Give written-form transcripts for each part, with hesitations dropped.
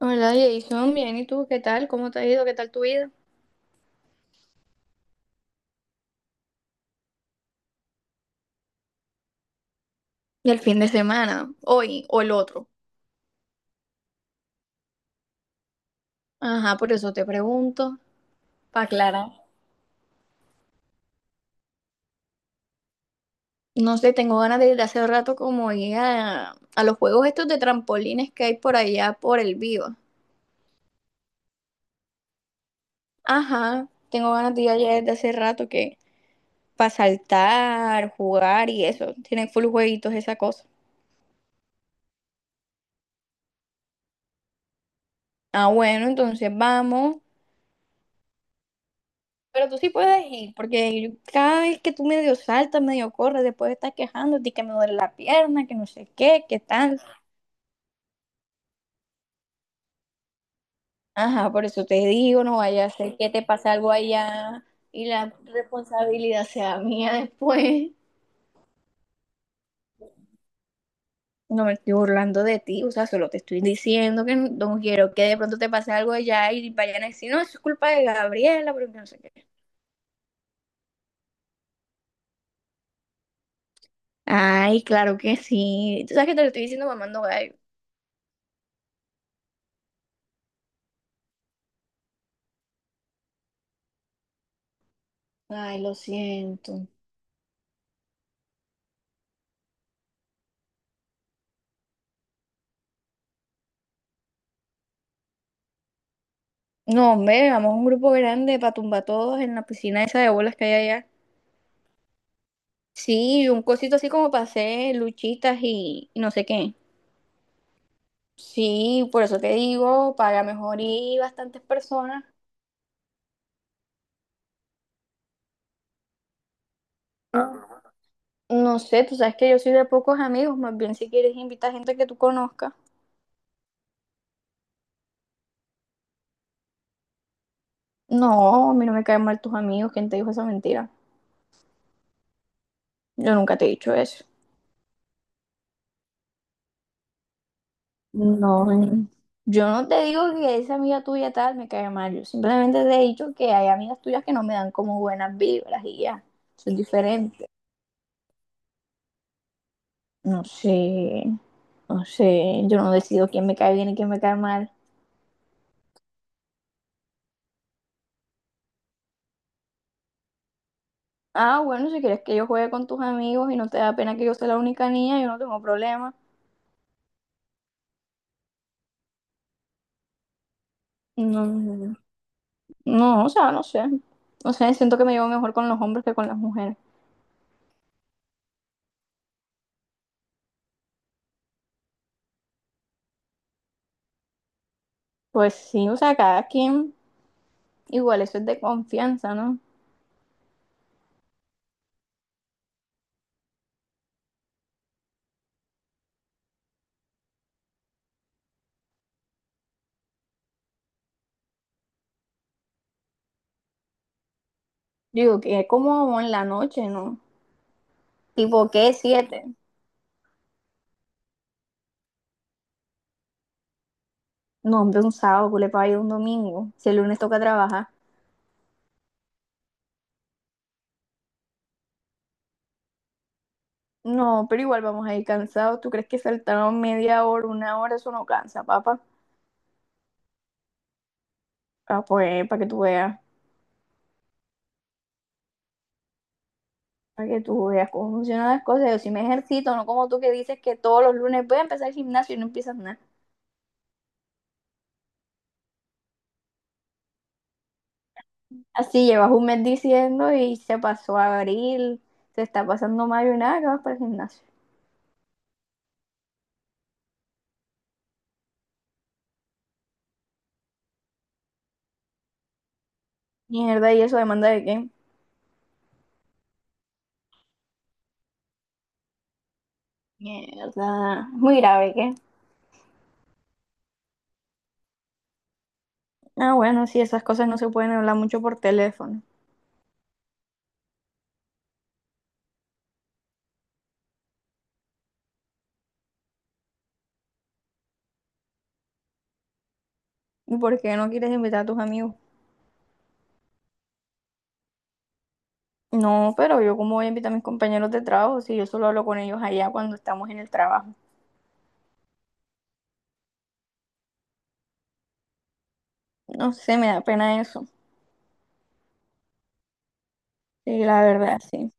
Hola Jason, bien, ¿y tú qué tal? ¿Cómo te ha ido? ¿Qué tal tu vida? ¿Y el fin de semana? ¿Hoy o el otro? Ajá, por eso te pregunto, para aclarar. No sé, tengo ganas de ir hace rato como ir a los juegos estos de trampolines que hay por allá por el Viva. Ajá, tengo ganas de ir allá desde hace rato que para saltar, jugar y eso. Tienen full jueguitos, esa cosa. Ah, bueno, entonces vamos. Pero tú sí puedes ir, porque cada vez que tú medio saltas, medio corres, después estás quejándote que me duele la pierna, que no sé qué, qué tal. Ajá, por eso te digo, no vaya a ser que te pase algo allá y la responsabilidad sea mía después. No me estoy burlando de ti, o sea, solo te estoy diciendo que no, no quiero que de pronto te pase algo allá y vayan a decir, no, eso es culpa de Gabriela, porque no sé qué. Ay, claro que sí. Tú sabes que te lo estoy diciendo mamando gallo. Ay, lo siento. No, hombre, vamos a un grupo grande para tumbar todos en la piscina esa de bolas que hay allá. Sí, un cosito así como para hacer luchitas y no sé qué. Sí, por eso te digo, para mejor ir bastantes personas. Ah. No sé, tú sabes que yo soy de pocos amigos, más bien si quieres invitar gente que tú conozcas. No, a mí no me caen mal tus amigos, ¿quién te dijo esa mentira? Yo nunca te he dicho eso. No, yo no te digo que esa amiga tuya tal me cae mal, yo simplemente te he dicho que hay amigas tuyas que no me dan como buenas vibras y ya, eso es diferente. No sé, no sé, yo no decido quién me cae bien y quién me cae mal. Ah, bueno, si quieres que yo juegue con tus amigos y no te da pena que yo sea la única niña, yo no tengo problema. No, no, o sea, no sé, no sé, siento que me llevo mejor con los hombres que con las mujeres. Pues sí, o sea, cada quien, igual eso es de confianza, ¿no? Digo, que es como en la noche, ¿no? Tipo, ¿qué? ¿Siete? No, hombre, un sábado, ¿qué le paga ir un domingo? Si el lunes toca trabajar. No, pero igual vamos a ir cansados. ¿Tú crees que saltaron media hora, una hora? Eso no cansa, papá. Ah, pues, para que tú veas. Para que tú veas cómo funcionan las cosas. Yo sí me ejercito, no como tú que dices que todos los lunes voy a empezar el gimnasio y no empiezas nada. Así llevas un mes diciendo y se pasó abril, se está pasando mayo y nada, que vas para el gimnasio. Mierda, ¿y eso demanda de qué? Mierda. Muy grave, ¿qué? Ah, bueno, sí, esas cosas no se pueden hablar mucho por teléfono. ¿Y por qué no quieres invitar a tus amigos? No, pero yo cómo voy a invitar a mis compañeros de trabajo si yo solo hablo con ellos allá cuando estamos en el trabajo. No sé, me da pena eso. Sí, la verdad, sí.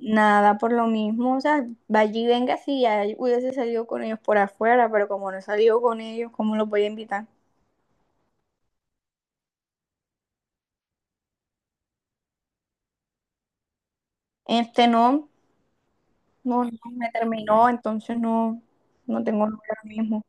Nada por lo mismo, o sea, vaya y venga si ya hubiese salido con ellos por afuera, pero como no he salido con ellos, ¿cómo los voy a invitar? Este no, no, no me terminó, entonces no, no tengo novio mismo.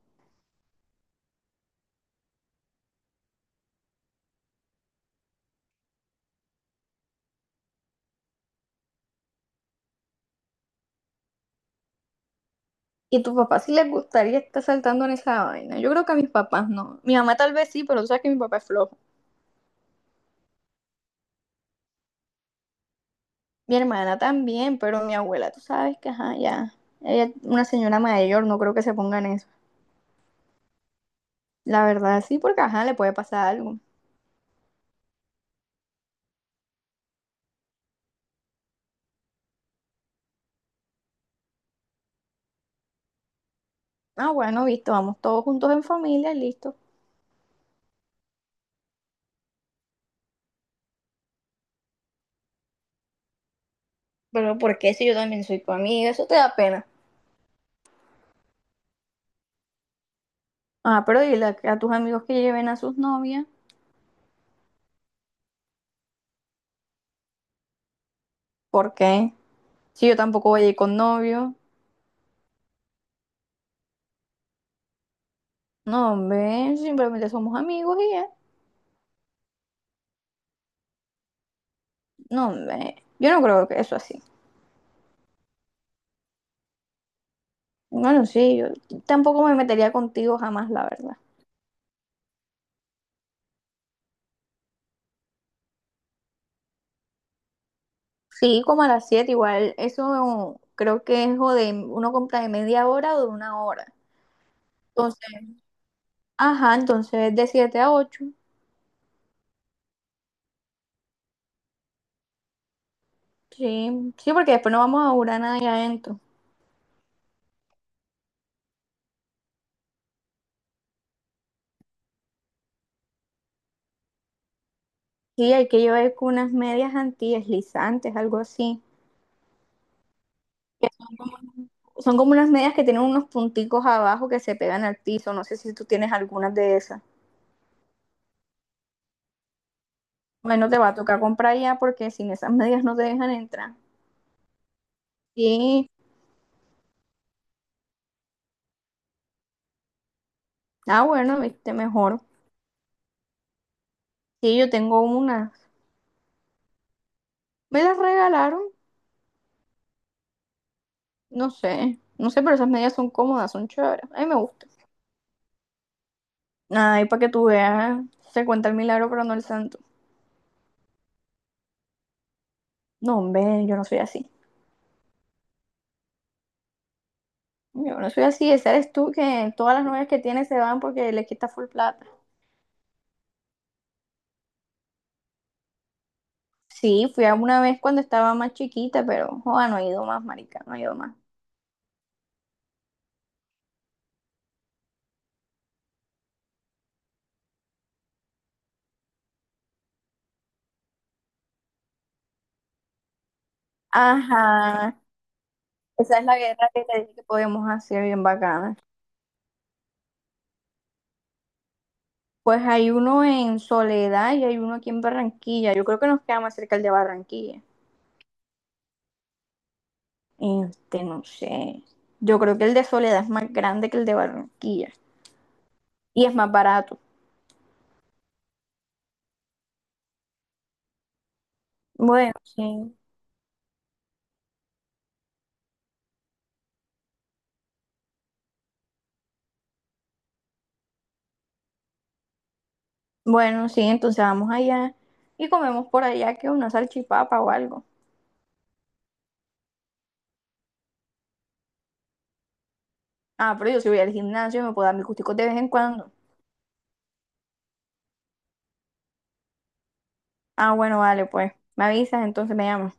¿Y tu papá sí les gustaría estar saltando en esa vaina? Yo creo que a mis papás no. Mi mamá tal vez sí, pero tú sabes que mi papá es flojo. Mi hermana también, pero mi abuela, tú sabes que, ajá, ya. Ella es una señora mayor, no creo que se pongan eso. La verdad sí, porque, ajá, le puede pasar algo. Ah, bueno, visto, vamos todos juntos en familia, y listo. Pero ¿por qué si yo también soy tu amiga? Eso te da pena. Ah, pero dile a tus amigos que lleven a sus novias. ¿Por qué? Si yo tampoco voy a ir con novio. No, hombre, simplemente somos amigos y ya. No, hombre, yo no creo que eso así. Bueno, sí, yo tampoco me metería contigo jamás, la verdad. Sí, como a las 7 igual, eso creo que es o de uno compra de media hora o de una hora. Entonces, ajá, entonces de 7 a 8. Sí, sí, porque después no vamos a durar nada ahí adentro. Sí, hay que llevar con unas medias antideslizantes, algo así. Son como unas medias que tienen unos punticos abajo que se pegan al piso. No sé si tú tienes algunas de esas. Bueno, te va a tocar comprar ya porque sin esas medias no te dejan entrar. Sí, ah, bueno, viste mejor. Sí, yo tengo una. Me las regalaron, no sé, no sé, pero esas medias son cómodas, son chéveres. A mí me gustan. Ay, para que tú veas, se cuenta el milagro, pero no el santo. No, hombre, yo no soy así. Yo no soy así, ese eres tú que todas las novias que tienes se van porque le quitas full plata. Sí, fui a una vez cuando estaba más chiquita, pero joda, no he ido más, marica, no he ido más. Ajá, esa es la guerra que te dije que podíamos hacer bien bacana. Pues hay uno en Soledad y hay uno aquí en Barranquilla. Yo creo que nos queda más cerca el de Barranquilla. Este, no sé. Yo creo que el de Soledad es más grande que el de Barranquilla y es más barato. Bueno, sí. Bueno, sí, entonces vamos allá y comemos por allá que una salchipapa o algo. Ah, pero yo si voy al gimnasio me puedo dar mis gusticos de vez en cuando. Ah, bueno, vale, pues. Me avisas, entonces me llamas.